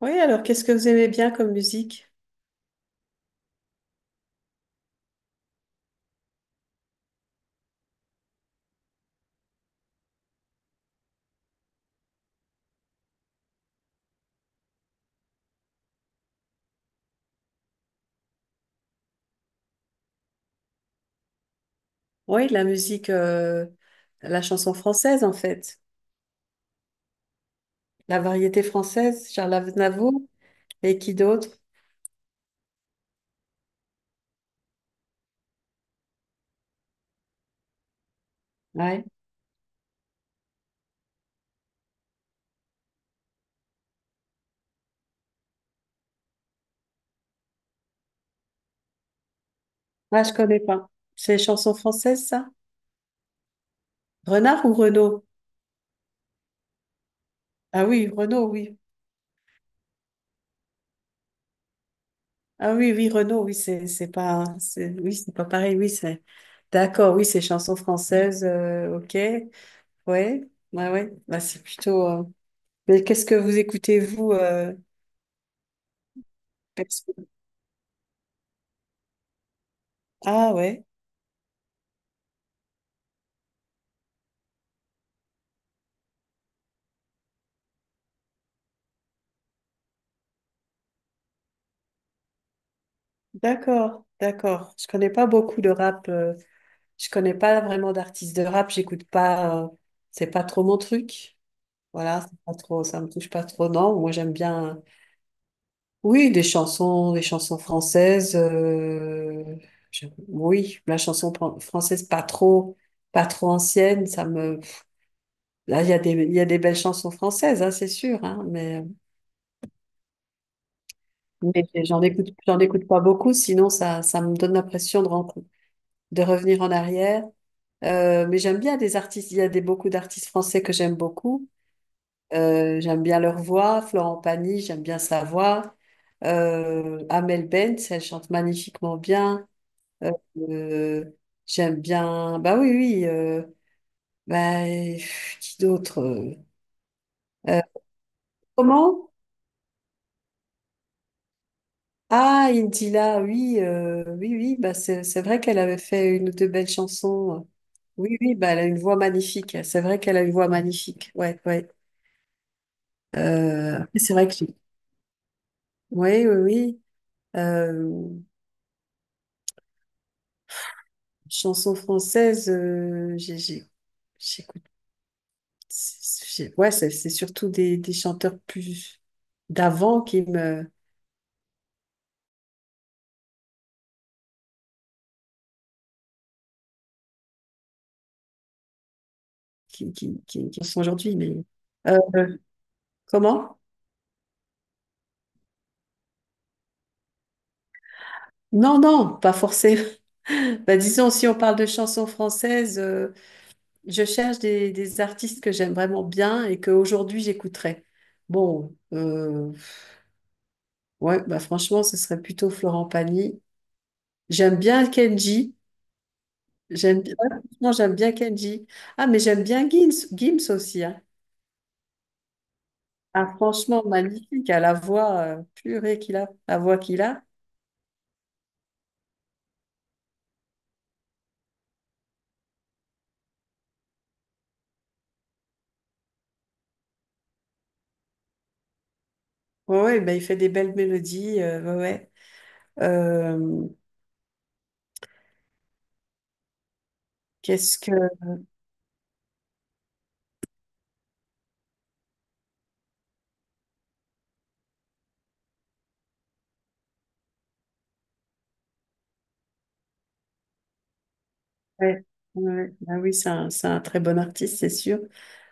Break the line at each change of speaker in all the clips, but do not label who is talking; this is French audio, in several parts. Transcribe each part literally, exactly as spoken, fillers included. Oui, alors qu'est-ce que vous aimez bien comme musique? Oui, la musique, euh, la chanson française en fait, la variété française, Charles Aznavour et qui d'autre? Ouais. Ah, je connais pas. C'est chansons françaises ça? Renard ou Renaud? Ah oui, Renaud, oui. Ah oui, oui, Renaud, oui, c'est c'est pas, c'est, oui, c'est pas pareil, oui, c'est. D'accord, oui, c'est chansons françaises, euh, ok. Ouais, ouais, ouais. Bah, c'est plutôt. euh, Mais qu'est-ce que vous écoutez vous? euh, perso- Ah ouais. D'accord, d'accord. Je connais pas beaucoup de rap. Euh, je connais pas vraiment d'artistes de rap. J'écoute pas. Euh, c'est pas trop mon truc. Voilà, c'est pas trop. Ça me touche pas trop, non. Moi, j'aime bien. Oui, des chansons, des chansons françaises. Euh, je- oui, la chanson fran- française pas trop, pas trop ancienne. Ça me. Là, il y a des, il y a des belles chansons françaises, hein, c'est sûr. Hein, mais mais j'en écoute, j'en écoute pas beaucoup. Sinon, ça, ça me donne l'impression de, ren- de revenir en arrière. Euh, mais j'aime bien des artistes. Il y a des, beaucoup d'artistes français que j'aime beaucoup. Euh, j'aime bien leur voix. Florent Pagny, j'aime bien sa voix. Euh, Amel Bent, elle chante magnifiquement bien. Euh, euh, J'aime bien. Bah oui, oui. Euh, bah, pff, qui d'autre? euh, euh, Comment? Ah, Indila, oui, euh, oui, oui. Bah c'est c'est vrai qu'elle avait fait une ou deux belles chansons. Oui, oui. Bah elle a une voix magnifique. C'est vrai qu'elle a une voix magnifique. Ouais, ouais. Euh, c'est vrai que oui, oui, oui. Euh, Chansons françaises, euh, j'ai- j'ai- J'écoute. c'est- j'ai- Ouais, c'est c'est surtout des, des chanteurs plus d'avant qui me qui, qui, qui, qui sont aujourd'hui. Mais euh, comment? Non, non, pas forcément. Bah, disons, si on parle de chansons françaises, euh, je cherche des, des artistes que j'aime vraiment bien et qu'aujourd'hui j'écouterais. Bon, euh, ouais, bah franchement, ce serait plutôt Florent Pagny. J'aime bien Kenji. J'aime bien, ouais, franchement, j'aime bien Kenji. Ah, mais j'aime bien Gims, Gims aussi. Hein. Ah, franchement, magnifique. À la voix euh, purée qu'il a, la voix qu'il a. Ouais, ouais, ben, il fait des belles mélodies. Euh, ouais, ouais. Euh, Qu'est-ce que. Ouais, ouais, ouais. Ah oui, c'est un, c'est un très bon artiste, c'est sûr.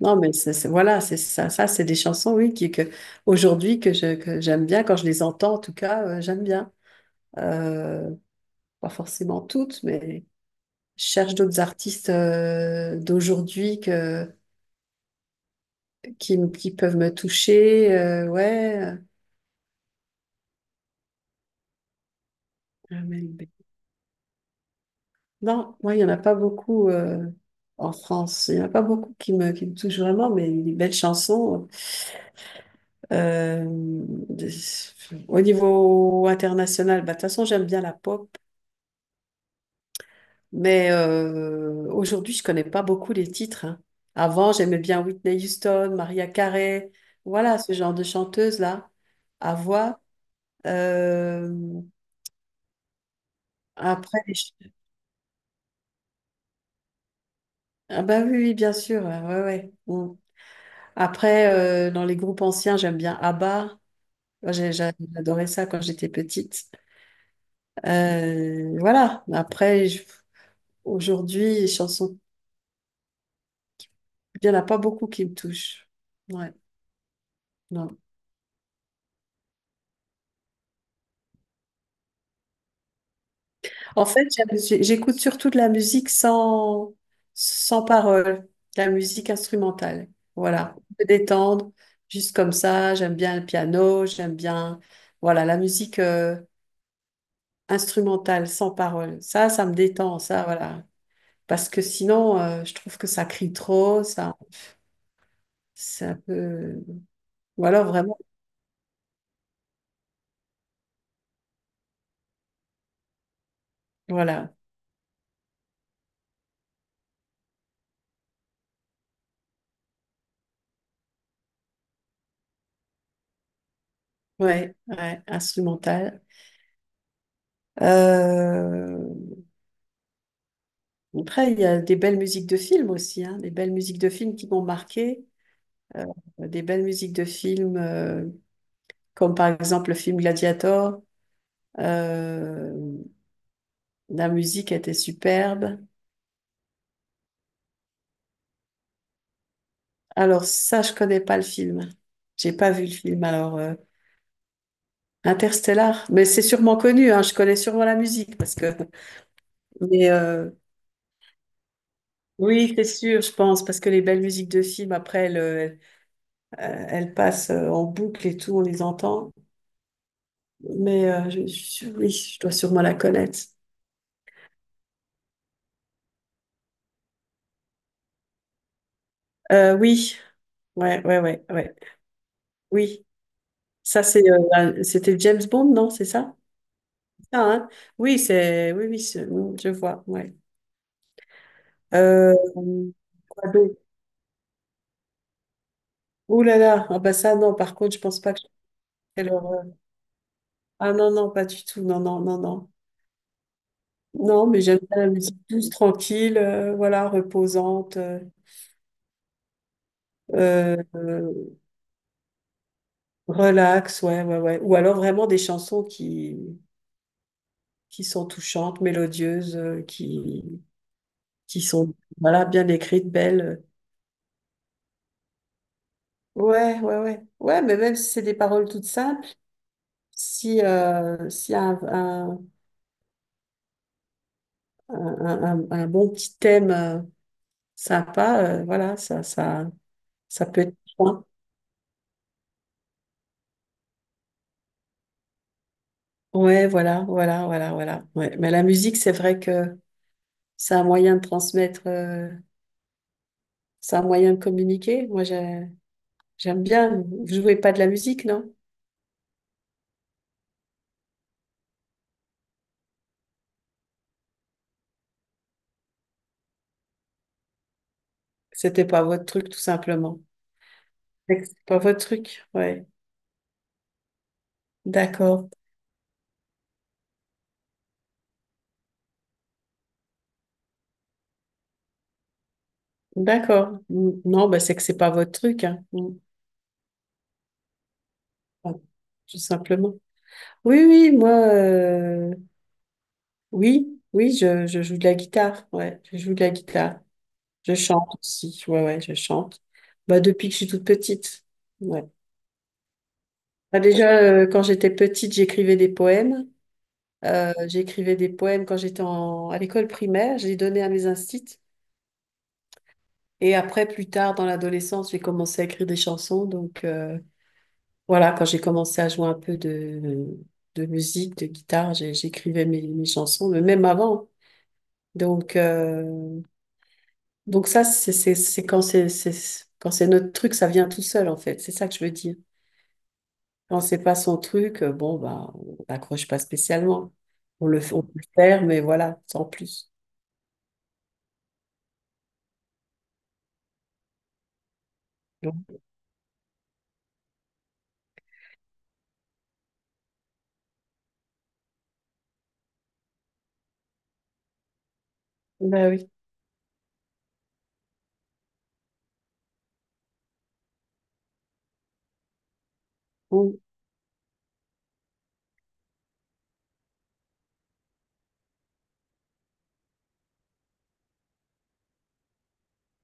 Non, mais c'est, c'est- voilà, c'est ça. Ça, c'est des chansons, oui, qui, que, aujourd'hui, que je, que j'aime bien. Quand je les entends, en tout cas, euh, j'aime bien. Euh, Pas forcément toutes, mais. Je cherche d'autres artistes euh, d'aujourd'hui que, qui, me- qui peuvent me toucher. Euh, ouais. Amel B. Non, moi, il n'y en a pas beaucoup euh, en France. Il n'y en a pas beaucoup qui me, qui me touchent vraiment, mais des belles chansons. Euh, de- Au niveau international, bah, de toute façon, j'aime bien la pop, mais euh, aujourd'hui, je connais pas beaucoup les titres. Hein. Avant, j'aimais bien Whitney Houston, Maria Carey, voilà, ce genre de chanteuse-là à voix. Euh, Après, les ch- ah bah oui, oui, bien sûr, ouais, ouais. Ouais. Mm. Après, euh, dans les groupes anciens, j'aime bien ABBA. Moi, j'ai- j'a- J'adorais ça quand j'étais petite. Euh, voilà. Après, je- aujourd'hui, les chansons, il n'y en a pas beaucoup qui me touchent. Ouais. En fait, j'aime- j'ai- J'écoute surtout de la musique sans, sans parole, de la musique instrumentale. Voilà, me détendre, juste comme ça. J'aime bien le piano, j'aime bien, voilà, la musique euh, instrumentale sans parole. Ça, ça me détend, ça, voilà. Parce que sinon, euh, je trouve que ça crie trop, ça, c'est un peu. Ou alors vraiment, voilà, ouais, ouais, instrumentale. Euh, Après, il y a des belles musiques de films aussi, hein, des belles musiques de films qui m'ont marqué, euh, des belles musiques de films euh, comme par exemple le film Gladiator. euh, la musique était superbe. Alors ça, je connais pas le film. J'ai pas vu le film. Alors euh, Interstellar, mais c'est sûrement connu. Hein, je connais sûrement la musique parce que. Mais euh, oui, c'est sûr, je pense, parce que les belles musiques de films après, elles, euh, elles passent euh, en boucle et tout, on les entend. Mais euh, je, je- Oui, je dois sûrement la connaître. Euh, oui, ouais, ouais, ouais, ouais. Oui, ça c'est, euh, la- C'était James Bond, non? C'est ça? Ça, hein oui, c'est, oui, oui, c'est- je vois. Ouais. Euh, quoi d'autre ouh là là, ah bah ça non. Par contre, je pense pas que je ferais leur, euh, ah non, non, pas du tout. Non, non, non, non. Non, mais j'aime bien la musique douce, tranquille, euh, voilà, reposante, euh, euh, relax, ouais, ouais, ouais. Ou alors vraiment des chansons qui qui sont touchantes, mélodieuses, euh, qui, qui sont voilà, bien écrites, belles. Ouais, ouais, ouais. Ouais, mais même si c'est des paroles toutes simples, si, euh, s'il y a un, un, un- un- un bon petit thème euh, sympa, euh, voilà, ça, ça, ça peut être bien. Ouais, voilà, voilà, voilà, voilà. Ouais. Mais la musique, c'est vrai que c'est un moyen de transmettre, euh, c'est un moyen de communiquer. Moi, j'ai- j'aime bien. Vous jouez pas de la musique, non? C'était pas votre truc, tout simplement. C'est que c'est pas votre truc, ouais. D'accord, d'accord. Mm. Non, bah c'est que c'est pas votre truc, hein. Mm. Enfin, tout simplement. Oui, oui, moi, euh, oui, oui, je, je joue de la guitare, ouais, je joue de la guitare. Je chante aussi, ouais, ouais, je chante. Bah depuis que je suis toute petite, ouais. Bah, déjà, euh, quand j'étais petite, j'écrivais des poèmes. Euh, j'écrivais des poèmes quand j'étais en- à l'école primaire, je les donnais à mes instits. Et après, plus tard, dans l'adolescence, j'ai commencé à écrire des chansons, donc. euh, Voilà, quand j'ai commencé à jouer un peu de, de musique, de guitare, j'ai- j'écrivais mes, mes chansons, mais même avant. Donc, euh, donc ça, c'est c'est- c'est quand c'est c'est- quand c'est notre truc, ça vient tout seul, en fait. C'est ça que je veux dire. Quand c'est pas son truc, euh, bon, bah, on n'accroche pas spécialement. On le, fait- on peut le faire, mais voilà, sans plus. Donc, bah oui. Bon,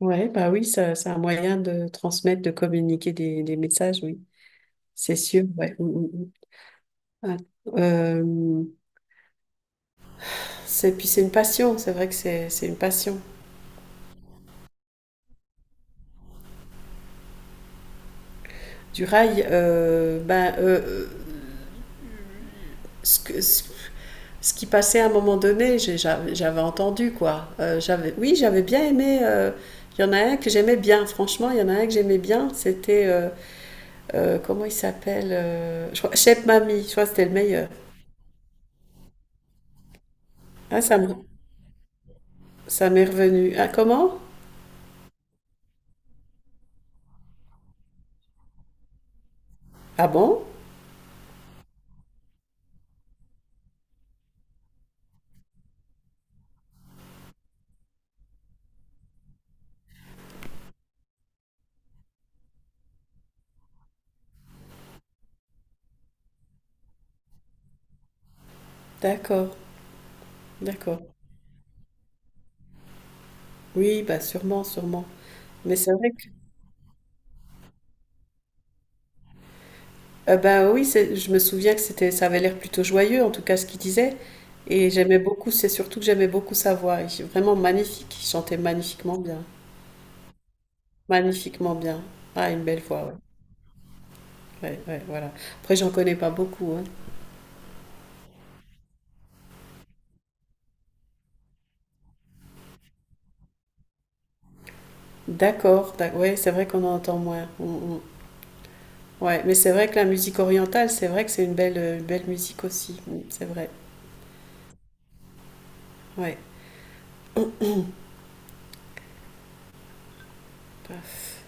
ouais, bah oui, ça- c'est un moyen de transmettre, de communiquer des, des messages, oui. C'est sûr, ouais. Mm, mm, mm. Ah, euh, c'est puis c'est une passion, c'est vrai que c'est c'est une passion. Du rail, euh, ben euh, ce, que- ce- ce qui passait à un moment donné, j'avais j'avais entendu quoi. Euh, j'avais oui, j'avais bien aimé. euh, Il y en a un que j'aimais bien, franchement, il y en a un que j'aimais bien. C'était euh, euh, comment il s'appelle euh, je crois- Chef Mamie. Je crois que c'était le meilleur. Ah ça me- Ça m'est revenu. Ah comment ah bon d'accord, d'accord. Oui, bah sûrement, sûrement. Mais c'est vrai Euh, bah oui, c'est- je me souviens que c'était, ça avait l'air plutôt joyeux, en tout cas ce qu'il disait. Et j'aimais beaucoup, c'est surtout que j'aimais beaucoup sa voix. Il est vraiment magnifique, il chantait magnifiquement bien. Magnifiquement bien. Ah, une belle voix, ouais. Ouais, ouais, voilà. Après, j'en connais pas beaucoup, hein. D'accord, d'ac- ouais, c'est vrai qu'on en entend moins. Mm, mm. Ouais, mais c'est vrai que la musique orientale, c'est vrai que c'est une belle, euh, belle musique aussi. Mm, c'est vrai, ouais. Paf.